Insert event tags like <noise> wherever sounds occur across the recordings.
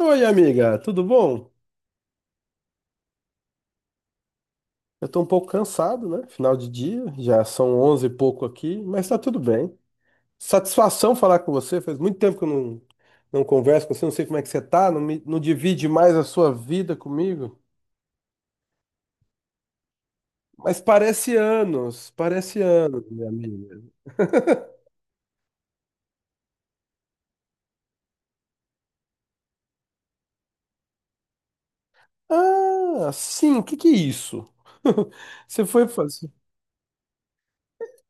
Oi, amiga, tudo bom? Eu tô um pouco cansado, né? Final de dia, já são 11 e pouco aqui, mas tá tudo bem. Satisfação falar com você, faz muito tempo que eu não converso com você, não sei como é que você tá, não, não divide mais a sua vida comigo. Mas parece anos, minha amiga. Ah, sim, o que que é isso? <laughs> Você foi fazer.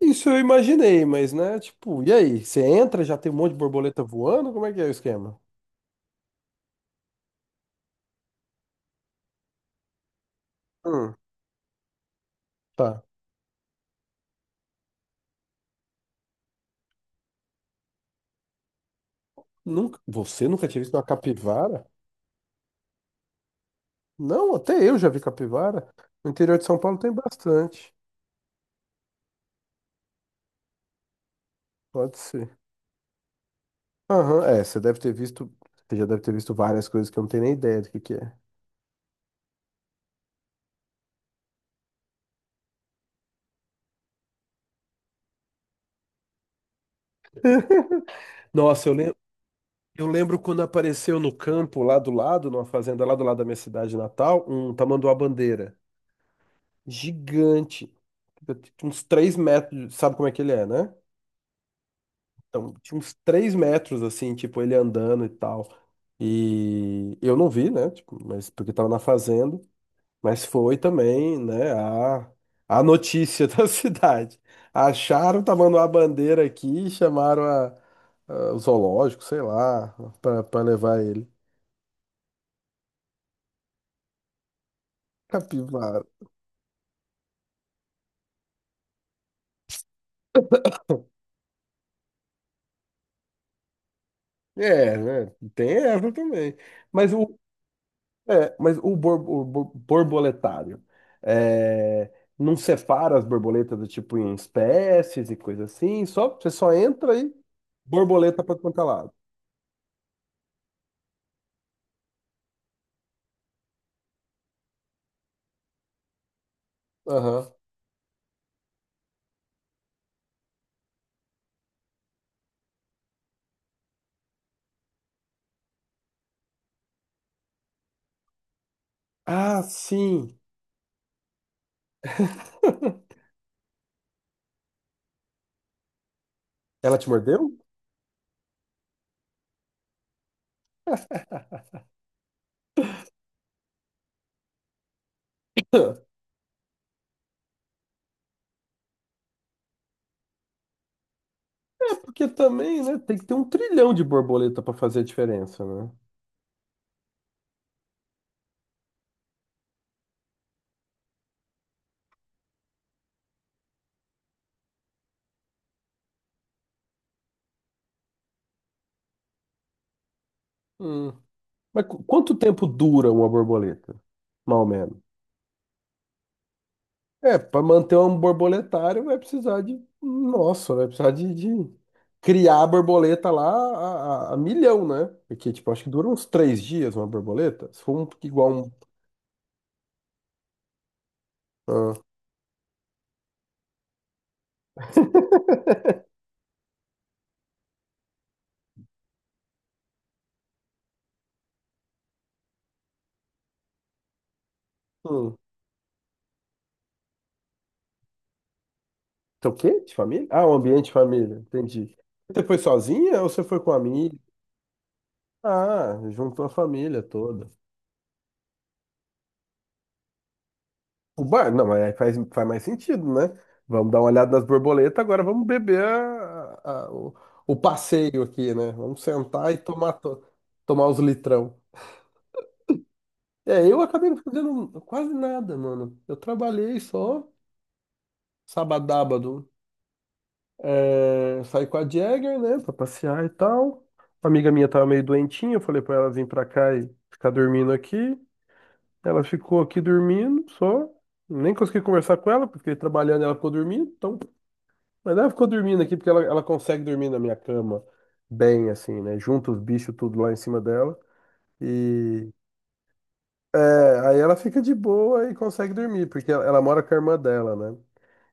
Isso eu imaginei, mas né, tipo, e aí? Você entra, já tem um monte de borboleta voando? Como é que é o esquema? Hum, tá. Nunca, você nunca tinha visto uma capivara? Não, até eu já vi capivara. No interior de São Paulo tem bastante. Pode ser. Aham, é, você deve ter visto, você já deve ter visto várias coisas que eu não tenho nem ideia do que é. Nossa, eu lembro quando apareceu no campo lá do lado, numa fazenda lá do lado da minha cidade natal, um tamanduá-bandeira. Gigante. Uns 3 metros, sabe como é que ele é, né? Então, tinha uns 3 metros, assim, tipo, ele andando e tal. E eu não vi, né? Tipo, mas porque tava na fazenda. Mas foi também, né? A notícia <laughs> da cidade. Acharam, tá mandando a bandeira aqui, chamaram o zoológico, sei lá, pra levar ele. Capivara. É, né? Tem essa também. Mas o, mas o borboletário é, não separa as borboletas do tipo em espécies e coisa assim, só você só entra e borboleta para quanto é lado. Aham. Ah, sim. <laughs> Ela te mordeu? <laughs> Porque também, né, tem que ter um trilhão de borboleta para fazer a diferença, né? Hum. Mas quanto tempo dura uma borboleta? Mais ou menos. É, para manter um borboletário vai precisar de. Nossa, vai precisar de, criar a borboleta lá a milhão, né? Porque, tipo, acho que dura uns 3 dias uma borboleta. Se for um, igual um. Ah, hum. Então, o quê? De família? Ah, um ambiente de família, entendi. Você foi sozinha ou você foi com um amigo? Ah, juntou a família toda. O bar, não, mas aí faz mais sentido, né? Vamos dar uma olhada nas borboletas, agora vamos beber o passeio aqui, né? Vamos sentar e tomar os litrão. É, eu acabei não fazendo quase nada, mano. Eu trabalhei só sabadábado. É, saí com a Jagger, né, pra passear e tal. Uma amiga minha tava meio doentinha, eu falei pra ela vir pra cá e ficar dormindo aqui. Ela ficou aqui dormindo só. Nem consegui conversar com ela, porque trabalhando e ela ficou dormindo, então. Mas ela ficou dormindo aqui porque ela consegue dormir na minha cama bem, assim, né? Junta os bichos tudo lá em cima dela. E é, aí ela fica de boa e consegue dormir, porque ela mora com a irmã dela, né?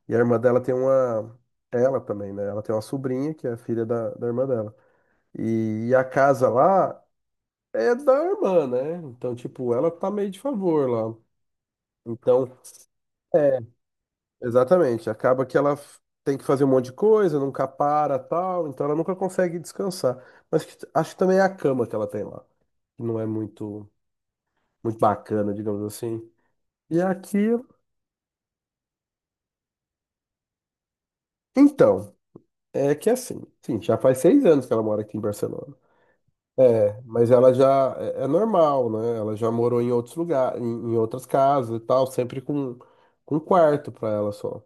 E a irmã dela tem uma. Ela também, né? Ela tem uma sobrinha que é filha da irmã dela. E a casa lá é da irmã, né? Então, tipo, ela tá meio de favor lá. Então. é, Exatamente. Acaba que ela tem que fazer um monte de coisa, nunca para, tal, então ela nunca consegue descansar. Mas acho que também é a cama que ela tem lá, que não é muito muito bacana, digamos assim. E aqui, então, é que é assim, sim, já faz 6 anos que ela mora aqui em Barcelona. É, mas ela já é normal, né? Ela já morou em outros lugares, em outras casas e tal, sempre com um quarto para ela só.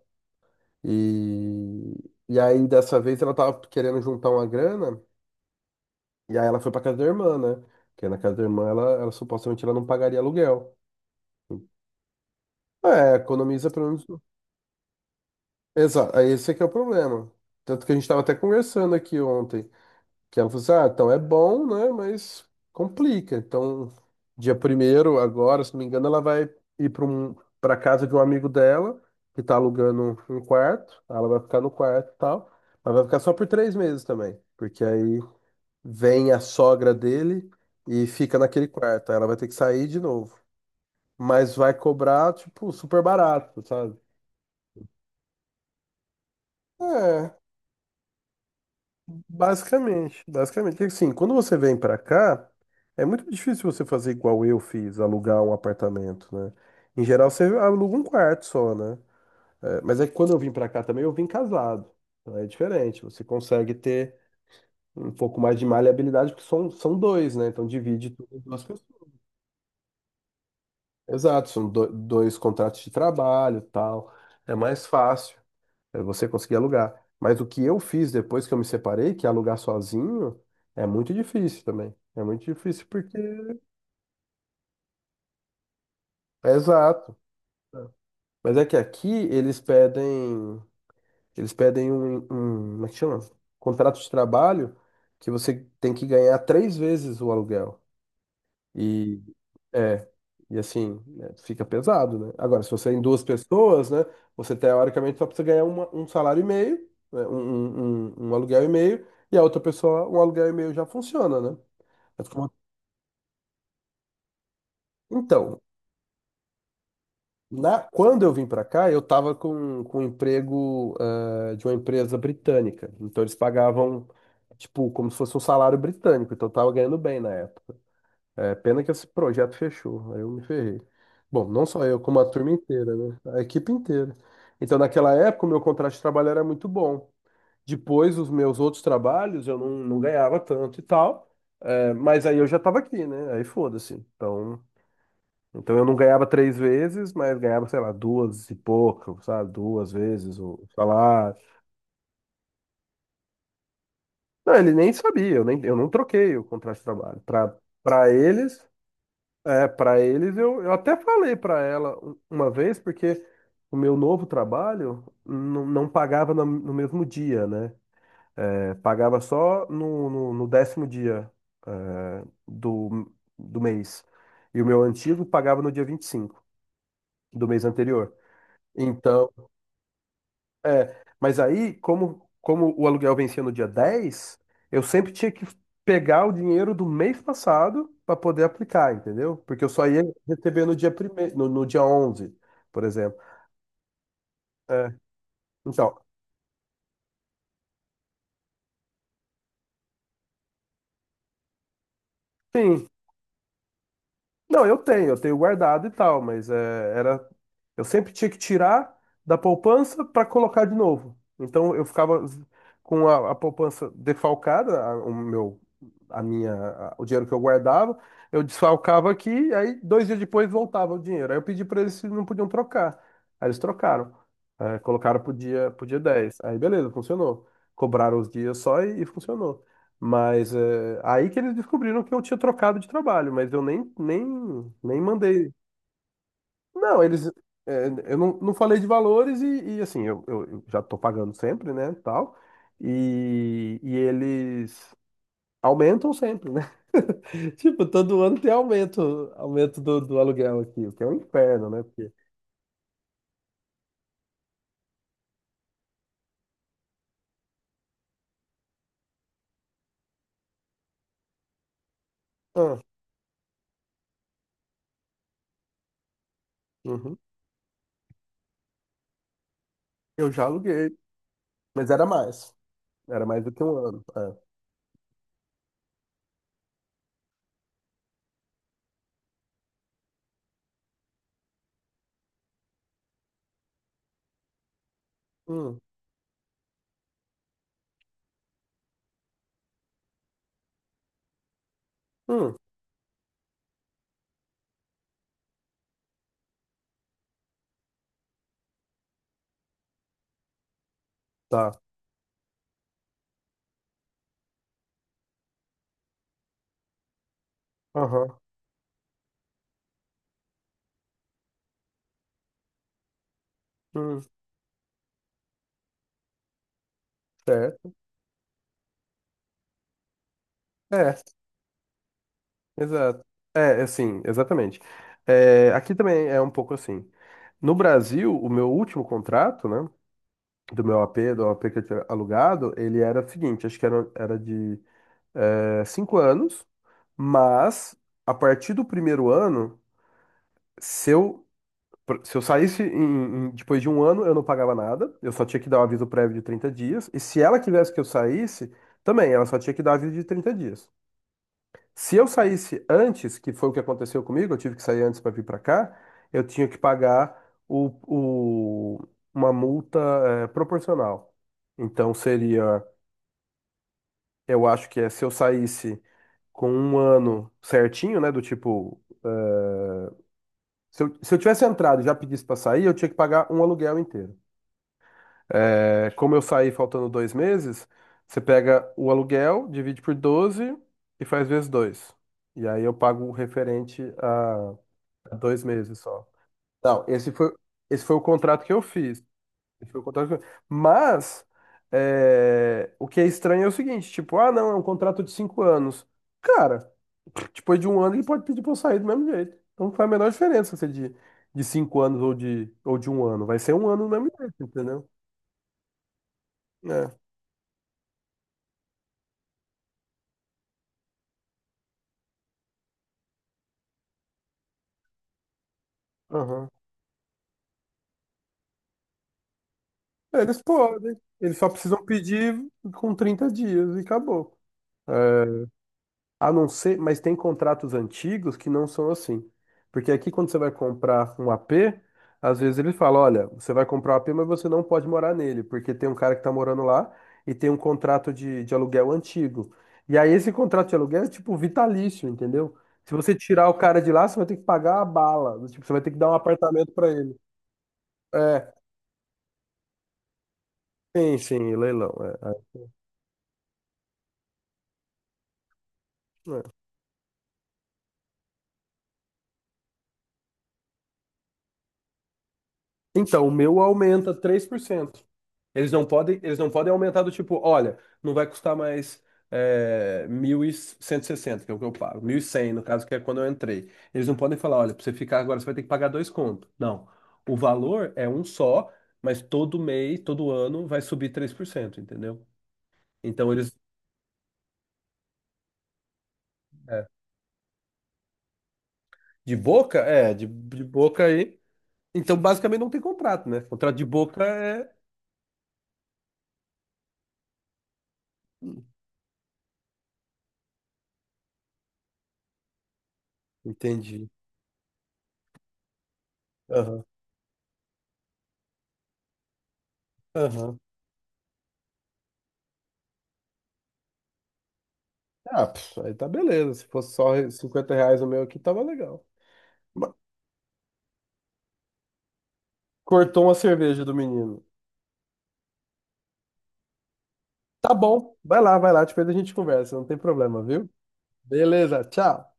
E e aí dessa vez ela tava querendo juntar uma grana. E aí ela foi pra casa da irmã, né? Porque na casa da irmã ela supostamente ela não pagaria aluguel. É, economiza pelo menos. Um. Exato, aí esse é que é o problema. Tanto que a gente estava até conversando aqui ontem, que ela falou assim, ah, então é bom, né? Mas complica. Então, dia primeiro, agora, se não me engano, ela vai ir para casa de um amigo dela, que tá alugando um quarto. Ela vai ficar no quarto e tal, mas vai ficar só por 3 meses também. Porque aí vem a sogra dele e fica naquele quarto. Aí ela vai ter que sair de novo. Mas vai cobrar, tipo, super barato, sabe? É, basicamente. Basicamente. Porque, assim, quando você vem pra cá, é muito difícil você fazer igual eu fiz, alugar um apartamento, né? Em geral, você aluga um quarto só, né? É, mas é que quando eu vim pra cá também, eu vim casado. Então é diferente. Você consegue ter um pouco mais de maleabilidade, porque são dois, né? Então divide tudo em duas pessoas. Exato, são dois contratos de trabalho, tal. É mais fácil é você conseguir alugar. Mas o que eu fiz depois que eu me separei, que é alugar sozinho, é muito difícil também. É muito difícil porque é exato. Mas é que aqui eles pedem como é que chama? Contrato de trabalho que você tem que ganhar 3 vezes o aluguel. E é, e assim, né, fica pesado, né? Agora, se você é em duas pessoas, né, você teoricamente só precisa ganhar um salário e meio, né, um aluguel e meio, e a outra pessoa, um aluguel e meio já funciona, né? Mas como- Então, quando eu vim para cá, eu estava com, um emprego de uma empresa britânica. Então, eles pagavam, tipo, como se fosse um salário britânico. Então, eu estava ganhando bem na época. É, pena que esse projeto fechou, aí eu me ferrei. Bom, não só eu, como a turma inteira, né? A equipe inteira. Então, naquela época, o meu contrato de trabalho era muito bom. Depois, os meus outros trabalhos, eu não ganhava tanto e tal. É, mas aí eu já estava aqui, né? Aí foda-se. Então, eu não ganhava 3 vezes, mas ganhava, sei lá, duas e pouco, sabe? 2 vezes o salário. Não, ele nem sabia, eu, nem, eu não troquei o contrato de trabalho. para eles, É, para eles, eu até falei para ela uma vez, porque o meu novo trabalho não pagava no, mesmo dia, né? É, pagava só no décimo dia, é, do, do mês. E o meu antigo pagava no dia 25 do mês anterior. Então, mas aí, como o aluguel vencia no dia 10, eu sempre tinha que pegar o dinheiro do mês passado para poder aplicar, entendeu? Porque eu só ia receber no dia primeiro, no dia 11, por exemplo. É, então, sim, Não, eu tenho guardado e tal, mas era, eu sempre tinha que tirar da poupança para colocar de novo. Então eu ficava com a poupança defalcada, a- o meu, a minha, a- o dinheiro que eu guardava, eu desfalcava aqui, aí 2 dias depois voltava o dinheiro. Aí eu pedi para eles se não podiam trocar. Aí eles trocaram, colocaram pro dia 10. Aí beleza, funcionou. Cobraram os dias só e funcionou. Mas é, aí que eles descobriram que eu tinha trocado de trabalho, mas eu nem, nem mandei. Não, eles. Eu não falei de valores assim, eu, eu já tô pagando sempre, né? Tal. E eles aumentam sempre, né? <laughs> Tipo, todo ano tem aumento, do aluguel aqui, o que é um inferno, né? Porque, ah, uhum, eu já aluguei, mas era mais. Era mais do que um ano. É. Hum, hum, tá. Aham. hum, certo. É. Exato. É, assim, exatamente. É, aqui também é um pouco assim. No Brasil, o meu último contrato, né, do meu AP, do AP que eu tinha alugado, ele era o seguinte, acho que era de 5 anos, mas a partir do primeiro ano, se eu, se eu saísse depois de um ano, eu não pagava nada, eu só tinha que dar um aviso prévio de 30 dias, e se ela quisesse que eu saísse, também, ela só tinha que dar um aviso de 30 dias. Se eu saísse antes, que foi o que aconteceu comigo, eu tive que sair antes para vir para cá, eu tinha que pagar o, o- uma multa proporcional. Então seria, eu acho que é se eu saísse com um ano certinho, né, do tipo, se eu tivesse entrado e já pedisse para sair, eu tinha que pagar um aluguel inteiro. É, como eu saí faltando 2 meses, você pega o aluguel, divide por 12 e faz vezes 2. E aí eu pago o referente. 2 meses só. Não, esse foi, o contrato que eu fiz. Esse foi o contrato Mas é, o que é estranho é o seguinte, tipo, ah, não, é um contrato de 5 anos. Cara, depois de um ano ele pode pedir pra eu sair do mesmo jeito. Então não faz a menor diferença se é de 5 anos ou de um ano. Vai ser um ano do mesmo jeito, entendeu? É, aham. Eles podem. Eles só precisam pedir com 30 dias e acabou. É, a não ser, mas tem contratos antigos que não são assim. Porque aqui, quando você vai comprar um AP, às vezes ele fala: olha, você vai comprar um AP, mas você não pode morar nele, porque tem um cara que está morando lá e tem um contrato de aluguel antigo. E aí, esse contrato de aluguel é tipo vitalício, entendeu? Se você tirar o cara de lá, você vai ter que pagar a bala. Tipo, você vai ter que dar um apartamento para ele. É, sim, sim, leilão. É. É. Então, o meu aumenta 3%. Eles não podem aumentar do tipo, olha, não vai custar mais 1.160, que é o que eu pago. 1.100 no caso, que é quando eu entrei. Eles não podem falar, olha, para você ficar agora, você vai ter que pagar dois contos. Não. O valor é um só, mas todo mês, todo ano, vai subir 3%, entendeu? Então, eles... é, de boca? É, de boca aí. Então, basicamente, não tem contrato, né? Contrato de boca é... Entendi. Aham, aham. Ah, pff, aí tá beleza. Se fosse só R$ 50 o meu aqui, tava legal. Ma- Cortou uma cerveja do menino. Tá bom, vai lá, depois a gente conversa, não tem problema, viu? Beleza, tchau.